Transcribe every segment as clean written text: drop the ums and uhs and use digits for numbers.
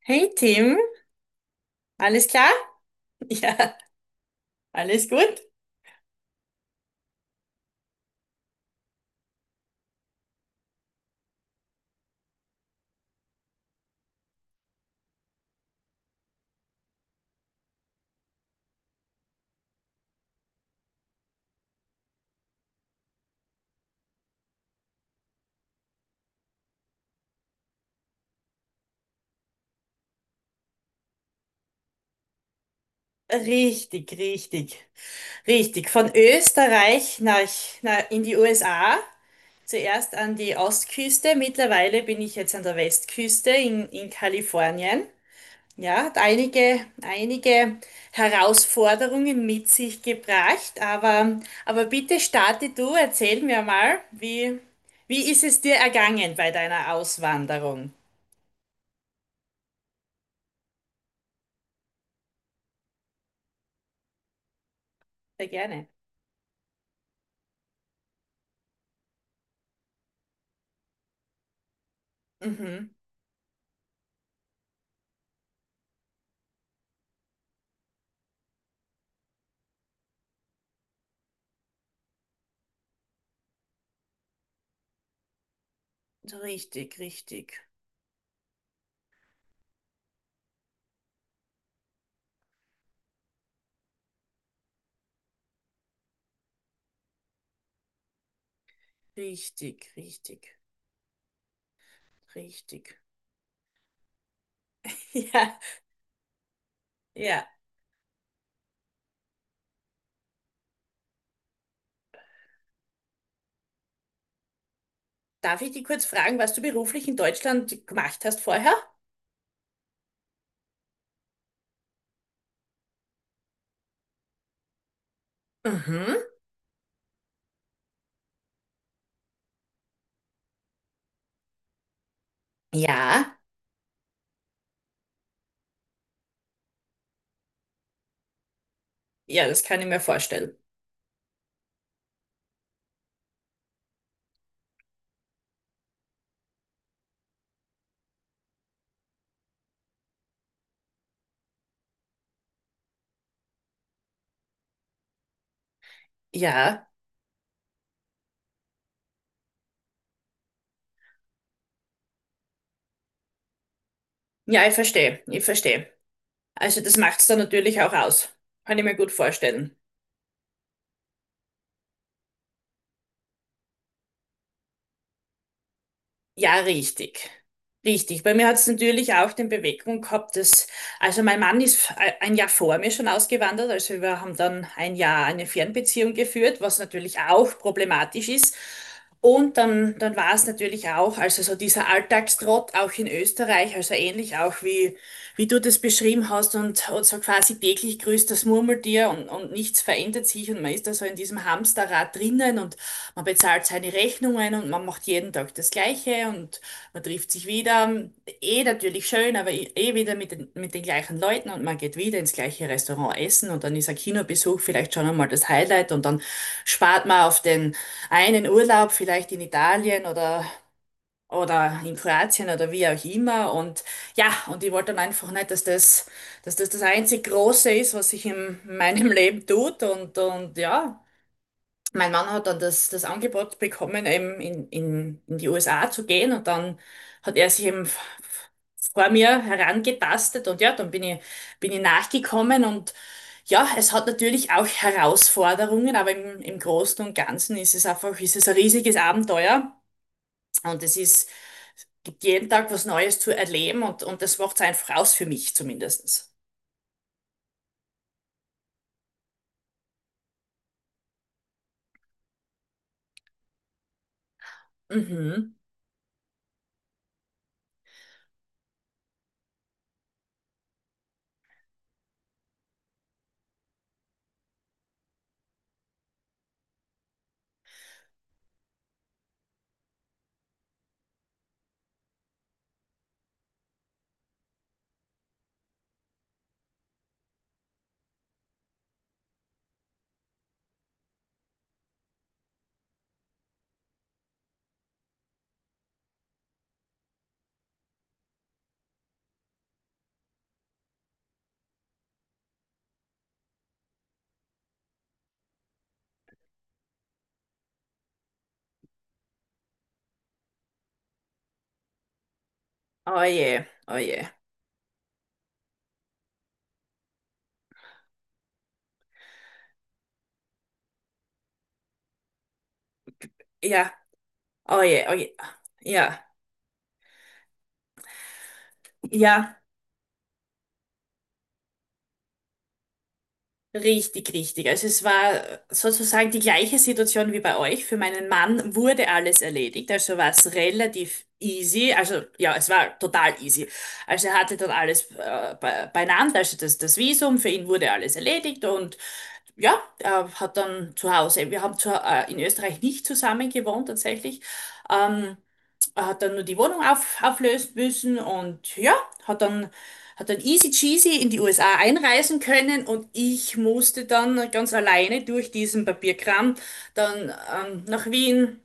Hey Tim, alles klar? Ja, alles gut? Richtig, richtig, richtig. Von Österreich nach, nach in die USA. Zuerst an die Ostküste. Mittlerweile bin ich jetzt an der Westküste in Kalifornien. Ja, hat einige Herausforderungen mit sich gebracht, aber bitte starte du, erzähl mir mal, wie ist es dir ergangen bei deiner Auswanderung? Sehr gerne. Mhm. Richtig, richtig, richtig, richtig, richtig. Ja, ja. Darf ich dich kurz fragen, was du beruflich in Deutschland gemacht hast vorher? Mhm. Ja, ja, das kann ich mir vorstellen. Ja, ja, ich verstehe, ich verstehe. Also das macht es dann natürlich auch aus. Kann ich mir gut vorstellen. Ja, richtig. Richtig. Bei mir hat es natürlich auch den Beweggrund gehabt, dass also mein Mann ist ein Jahr vor mir schon ausgewandert, also wir haben dann ein Jahr eine Fernbeziehung geführt, was natürlich auch problematisch ist. Und dann war es natürlich auch, also so dieser Alltagstrott auch in Österreich, also ähnlich auch wie du das beschrieben hast, und so quasi täglich grüßt das Murmeltier, und nichts verändert sich, und man ist da so in diesem Hamsterrad drinnen, und man bezahlt seine Rechnungen, und man macht jeden Tag das Gleiche, und man trifft sich wieder. Eh natürlich schön, aber eh wieder mit den gleichen Leuten, und man geht wieder ins gleiche Restaurant essen, und dann ist ein Kinobesuch vielleicht schon einmal das Highlight, und dann spart man auf den einen Urlaub vielleicht in Italien oder in Kroatien oder wie auch immer. Und ja, und ich wollte dann einfach nicht, dass das das einzig Große ist, was sich in meinem Leben tut. Und ja, mein Mann hat dann das, das Angebot bekommen, eben in die USA zu gehen. Und dann hat er sich eben vor mir herangetastet, und ja, dann bin ich nachgekommen. Und ja, es hat natürlich auch Herausforderungen, aber im Großen und Ganzen ist es einfach, ist es ein riesiges Abenteuer. Und es gibt jeden Tag was Neues zu erleben, und das macht's einfach aus, für mich zumindest. Mhm. Oh je, oh je. Ja, oh je, oh je. Ja, ja, richtig, richtig. Also es war sozusagen die gleiche Situation wie bei euch. Für meinen Mann wurde alles erledigt, also war es relativ easy. Also ja, es war total easy. Also er hatte dann alles be beieinander, also das Visum, für ihn wurde alles erledigt. Und ja, er hat dann zu Hause, wir haben in Österreich nicht zusammen gewohnt tatsächlich. ähm, Er hat dann nur die Wohnung auflösen müssen, und ja, hat dann, hat dann easy cheesy in die USA einreisen können. Und ich musste dann ganz alleine durch diesen Papierkram dann nach Wien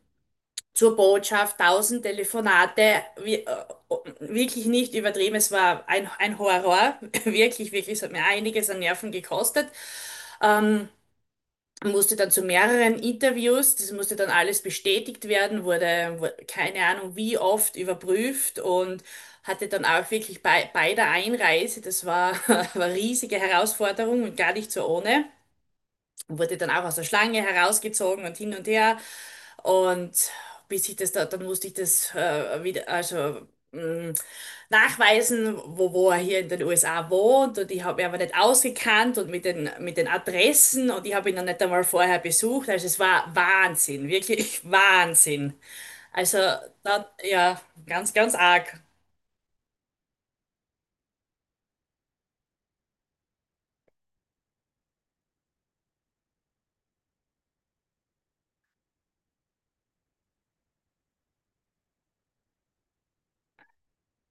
zur Botschaft, 1000 Telefonate, wirklich nicht übertrieben, es war ein Horror, wirklich, wirklich, es hat mir einiges an Nerven gekostet. Ähm, Musste dann zu mehreren Interviews, das musste dann alles bestätigt werden, wurde keine Ahnung wie oft überprüft. Und hatte dann auch wirklich bei der Einreise, das war, war eine riesige Herausforderung und gar nicht so ohne, und wurde dann auch aus der Schlange herausgezogen und hin und her. Und bis ich das da, dann musste ich das wieder, also mh, nachweisen, wo er hier in den USA wohnt. Und ich habe ihn aber nicht ausgekannt und mit den Adressen, und ich habe ihn noch nicht einmal vorher besucht. Also es war Wahnsinn, wirklich Wahnsinn. Also da, ja, ganz, ganz arg.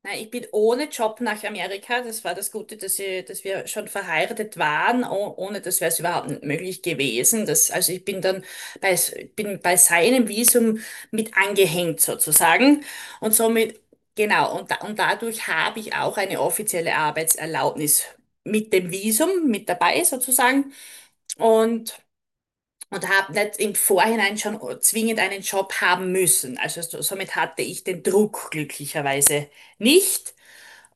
Nein, ich bin ohne Job nach Amerika. Das war das Gute, dass wir schon verheiratet waren. Oh, Ohne das wäre es überhaupt nicht möglich gewesen. Das, also ich bin dann bei, bin bei seinem Visum mit angehängt sozusagen. Und somit, genau, und dadurch habe ich auch eine offizielle Arbeitserlaubnis mit dem Visum mit dabei sozusagen. Und Und habe nicht im Vorhinein schon zwingend einen Job haben müssen. Also somit hatte ich den Druck glücklicherweise nicht,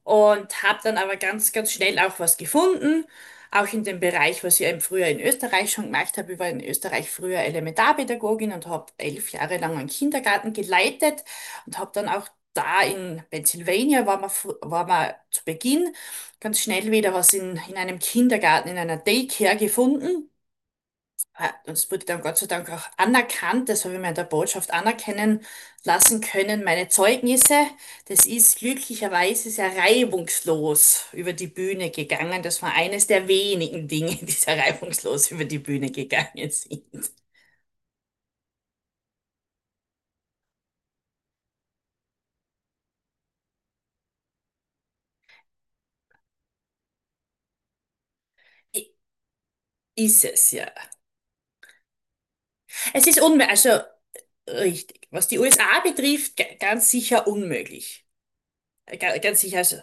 und habe dann aber ganz, ganz schnell auch was gefunden. Auch in dem Bereich, was ich eben früher in Österreich schon gemacht habe. Ich war in Österreich früher Elementarpädagogin und habe 11 Jahre lang einen Kindergarten geleitet, und habe dann auch da in Pennsylvania war war man zu Beginn ganz schnell wieder was in einem Kindergarten, in einer Daycare gefunden. Ah, das wurde dann Gott sei Dank auch anerkannt, das habe ich mir in der Botschaft anerkennen lassen können, meine Zeugnisse. Das ist glücklicherweise sehr reibungslos über die Bühne gegangen. Das war eines der wenigen Dinge, die sehr reibungslos über die Bühne gegangen sind. I- Ist es ja. Es ist unmöglich, also richtig. Was die USA betrifft, ganz sicher unmöglich. Ganz sicher, also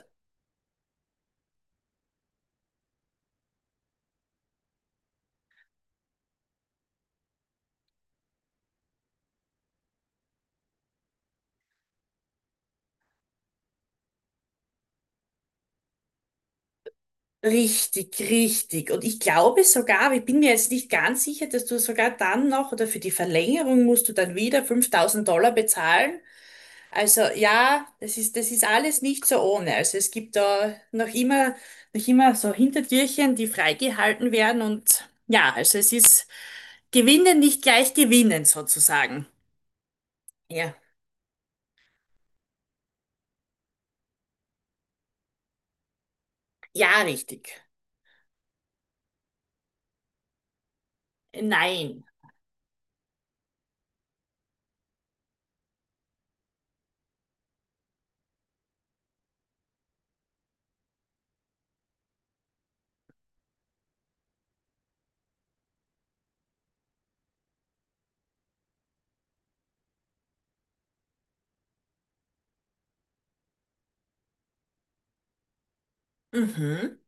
richtig, richtig. Und ich glaube sogar, aber ich bin mir jetzt nicht ganz sicher, dass du sogar dann noch oder für die Verlängerung musst du dann wieder $5000 bezahlen. Also ja, das ist alles nicht so ohne. Also es gibt da noch immer so Hintertürchen, die freigehalten werden. Und ja, also es ist Gewinnen nicht gleich gewinnen sozusagen. Ja, ja, richtig. Nein. Mhm.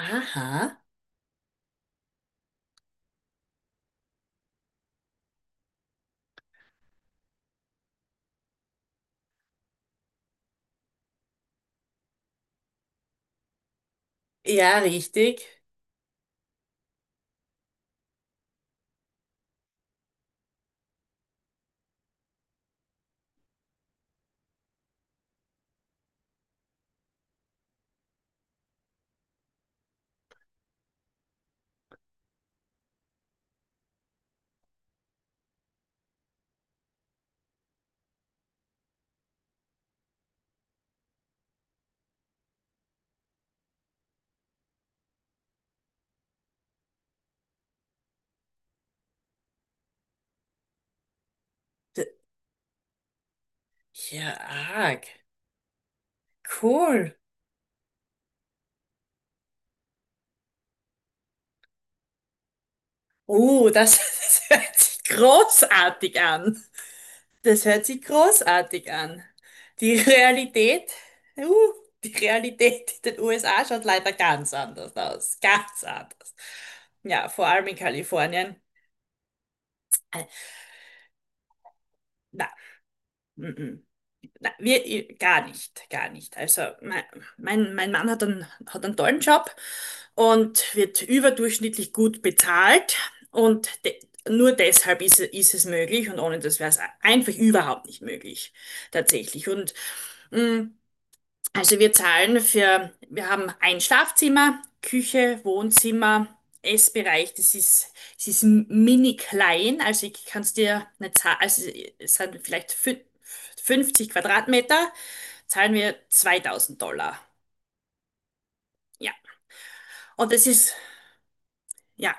Aha. Ja, richtig. D- Ja, arg. Cool. Oh, das, das hört sich großartig an. Das hört sich großartig an. Die Realität, uh, die Realität in den USA schaut leider ganz anders aus. Ganz anders. Ja, vor allem in Kalifornien. Äh, Na, mm, mm. Na, gar nicht, gar nicht. Also mein Mann hat hat einen tollen Job und wird überdurchschnittlich gut bezahlt, und de nur deshalb ist es möglich, und ohne das wäre es einfach überhaupt nicht möglich, tatsächlich. Und mh, also wir zahlen für, wir haben ein Schlafzimmer, Küche, Wohnzimmer, Essbereich. Das ist, es ist mini klein. Also ich kann es dir nicht zahlen. Also es sind vielleicht 50 Quadratmeter, zahlen wir $2000. Ja. Und das ist, ja,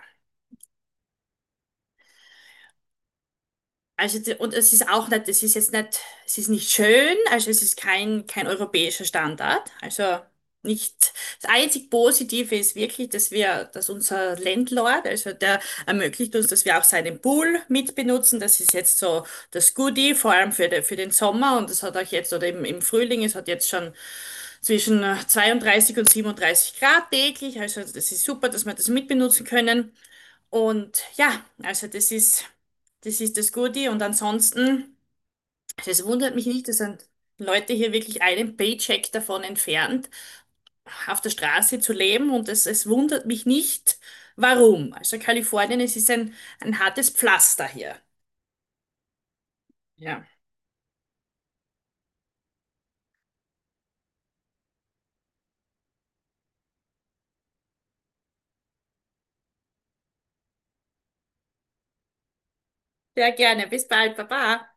also, und es ist auch nicht, es ist jetzt nicht, es ist nicht schön, also es ist kein europäischer Standard. Also nicht, das einzig Positive ist wirklich, dass unser Landlord, also der ermöglicht uns, dass wir auch seinen Pool mitbenutzen. Das ist jetzt so das Goodie, vor allem für, für den Sommer, und das hat auch jetzt, oder im Frühling, es hat jetzt schon zwischen 32 und 37 Grad täglich. Also das ist super, dass wir das mitbenutzen können. Und ja, also das ist. Das ist das Gute. Und ansonsten, also es wundert mich nicht, dass sind Leute hier wirklich einen Paycheck davon entfernt, auf der Straße zu leben. Und es wundert mich nicht, warum. Also Kalifornien, es ist ein hartes Pflaster hier. Ja. Sehr gerne. Bis bald. Baba.